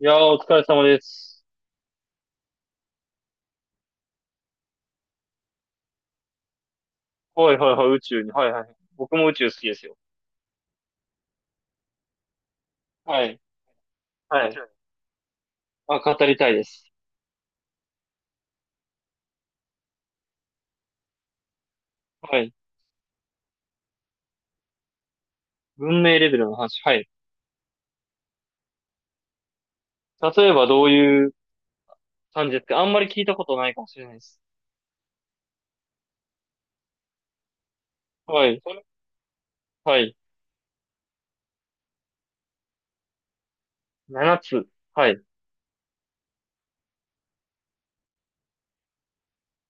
いやー、お疲れ様です。はいはいはい、宇宙に。はいはい。僕も宇宙好きですよ。はい。はい。あ、語りたいです。はい。文明レベルの話。はい。例えばどういう感じですか？あんまり聞いたことないかもしれないです。はい。はい。7つ。はい。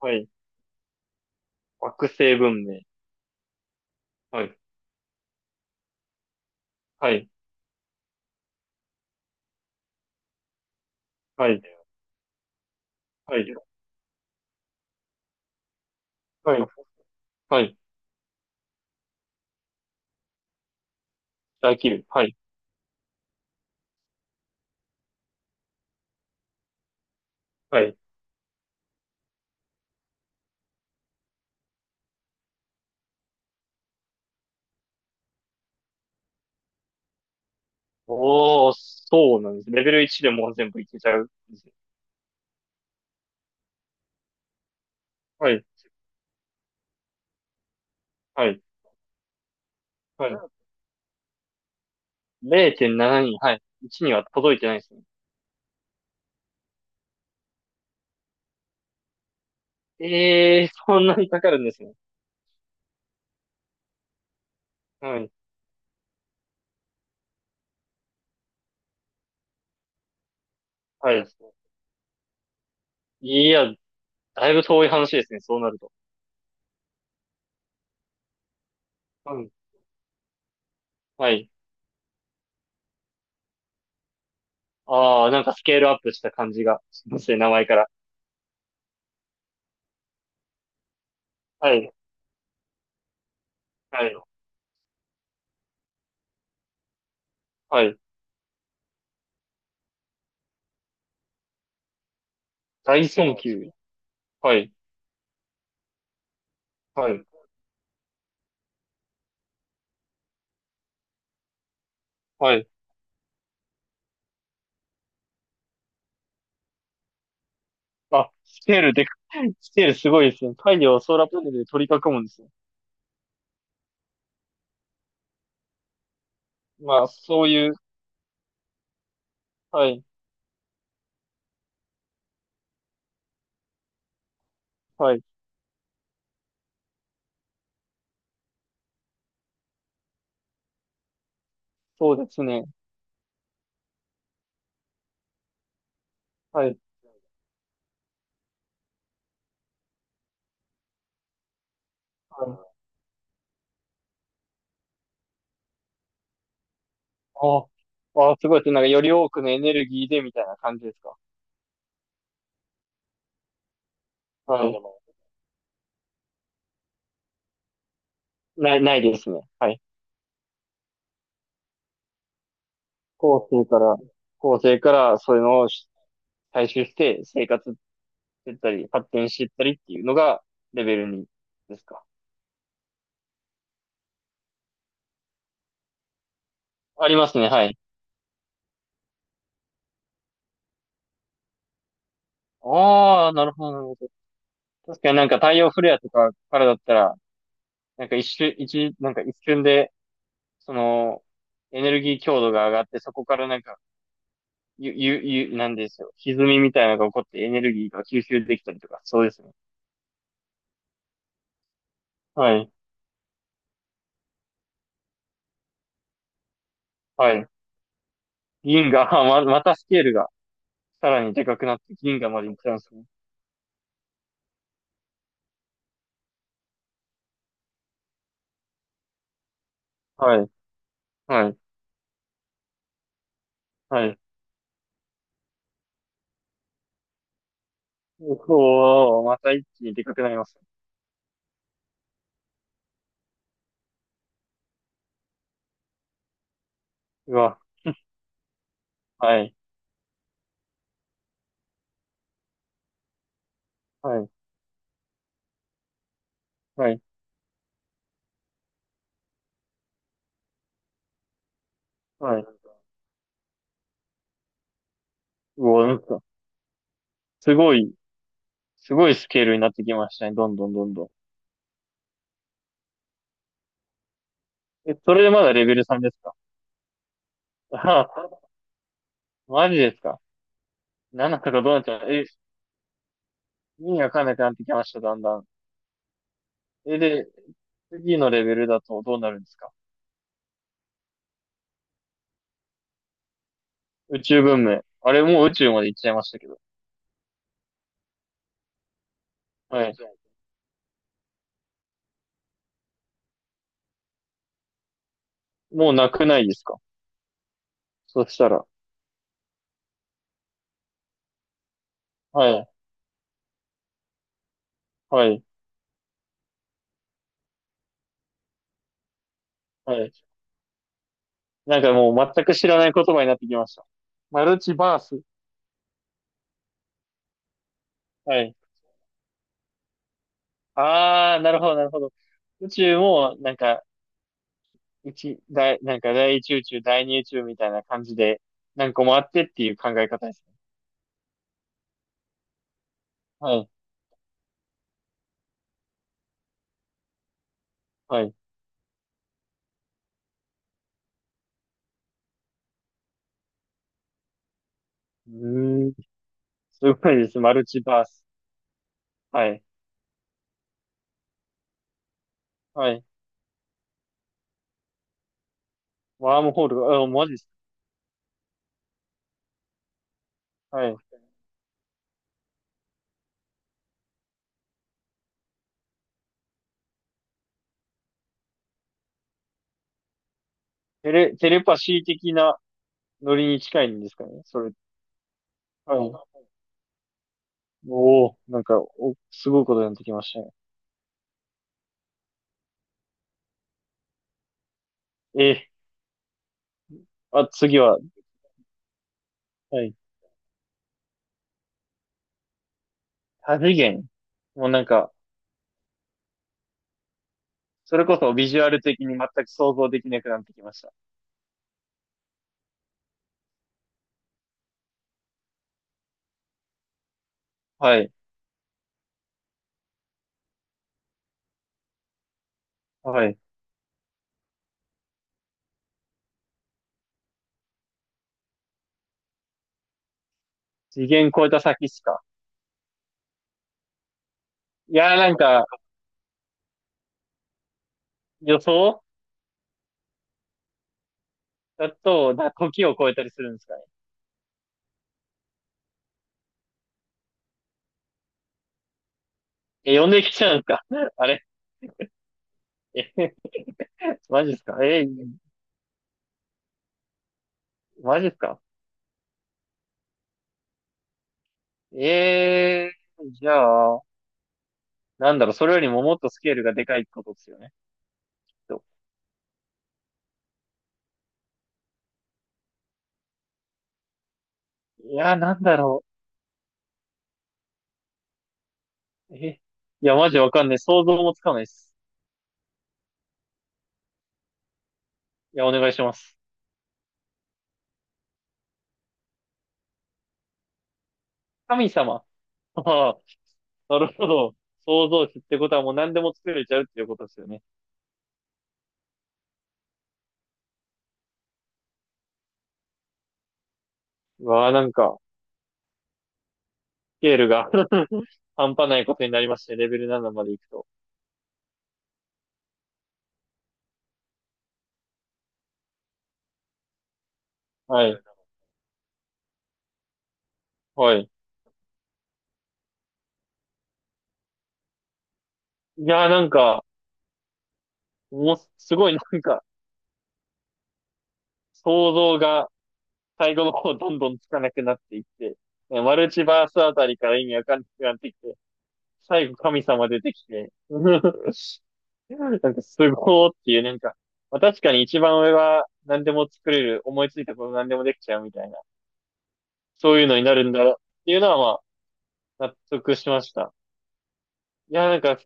はい。惑星文明。はい。はい。はい。はい。はい。はい。大気流。はい。はい。おー、そうなんです。レベル1でもう全部いけちゃうんですね。はい。はい。はい。0.7人、はい。1には届いてないですね。ええ、そんなにかかるんですね。はい。はい。いや、だいぶ遠い話ですね、そうなると。うん。はい。ああ、なんかスケールアップした感じがしますね、名前から。はい。はい。はい。大損級。はい。はい。はい。あ、スケールでか、スケールすごいですね。太陽をソーラーパネルで取り囲むんですね。まあ、そういう、はい。はい。そうですね。はい。はい。ああ、あすごいです。なんかより多くのエネルギーでみたいな感じですか？はそないですね。はい。後世から、後世からそういうのを採集して生活してったり、発展してったりっていうのがレベル2ですか？ありますね、はい。ああ、なるほど、なるほど。確かになんか太陽フレアとかからだったら、なんか一瞬、一、なんか一瞬で、その、エネルギー強度が上がって、そこからなんかゆ、ゆ、ゆ、なんですよ。歪みみたいなのが起こってエネルギーが吸収できたりとか、そうですね。はい。はい。銀河、またスケールがさらにでかくなって銀河まで行っちゃうんですね。はい。はい。はい。おー、また一気にでかくなりますね。うわ、はい。はい。はい。はい。うわ、なんか、すごい、すごいスケールになってきましたね。どんどんどんどん。え、それでまだレベル3ですか？あ、マジですか ?7 とかどうなっちゃえ、意味わかんなくなってきました、だんだん。え、で、次のレベルだとどうなるんですか？宇宙文明。あれもう宇宙まで行っちゃいましたけど。はい。もうなくないですか？そしたら。はい。はい。はい。なんかもう全く知らない言葉になってきました。マルチバース。はい。あー、なるほど、なるほど。宇宙も、なんか、なんか第一宇宙、第二宇宙みたいな感じで、何個もあってっていう考え方ですね。はい。はい。うーん。すごいです。マルチバース。はい。はい。ワームホール。あ、マジです。はい。テレパシー的なノリに近いんですかねそれ。はい。おお、なんか、すごいことになってきましたね。えあ、次は、はい。多次元。もうなんか、それこそビジュアル的に全く想像できなくなってきました。はい。はい。次元超えた先っすか？いやーなんか、予想だと、時を超えたりするんですかね？え、呼んできちゃうんですか？ あれえ、マジっすか？マジっすかえじゃあ、なんだろう、それよりももっとスケールがでかいってことですよね。といやー、なんだろう。え、いや、マジわかんない。想像もつかないです。いや、お願いします。神様。ああ、なるほど。想像値ってことはもう何でも作れちゃうっていうことですよね。うわあ、なんか、スケールが 半端ないことになりまして、レベル7まで行くと。はい。はい。いやーなんか、もう、すごいなんか、想像が最後の方どんどんつかなくなっていって、マルチバースあたりから意味わかんなくなってきて、最後神様出てきて、なんかすごーっていう、なんか、まあ、確かに一番上は何でも作れる、思いついたこと何でもできちゃうみたいな、そういうのになるんだろうっていうのは、まあ、納得しました。いやー、なんか、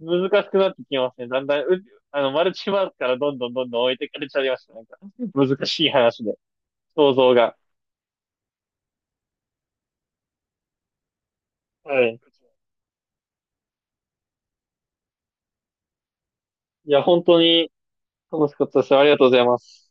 難しくなってきますね。だんだん、あの、マルチバースからどんどんどんどん置いてかれちゃいました。なんか、難しい話で、想像が。はい。いや、本当に楽しかったです。ありがとうございます。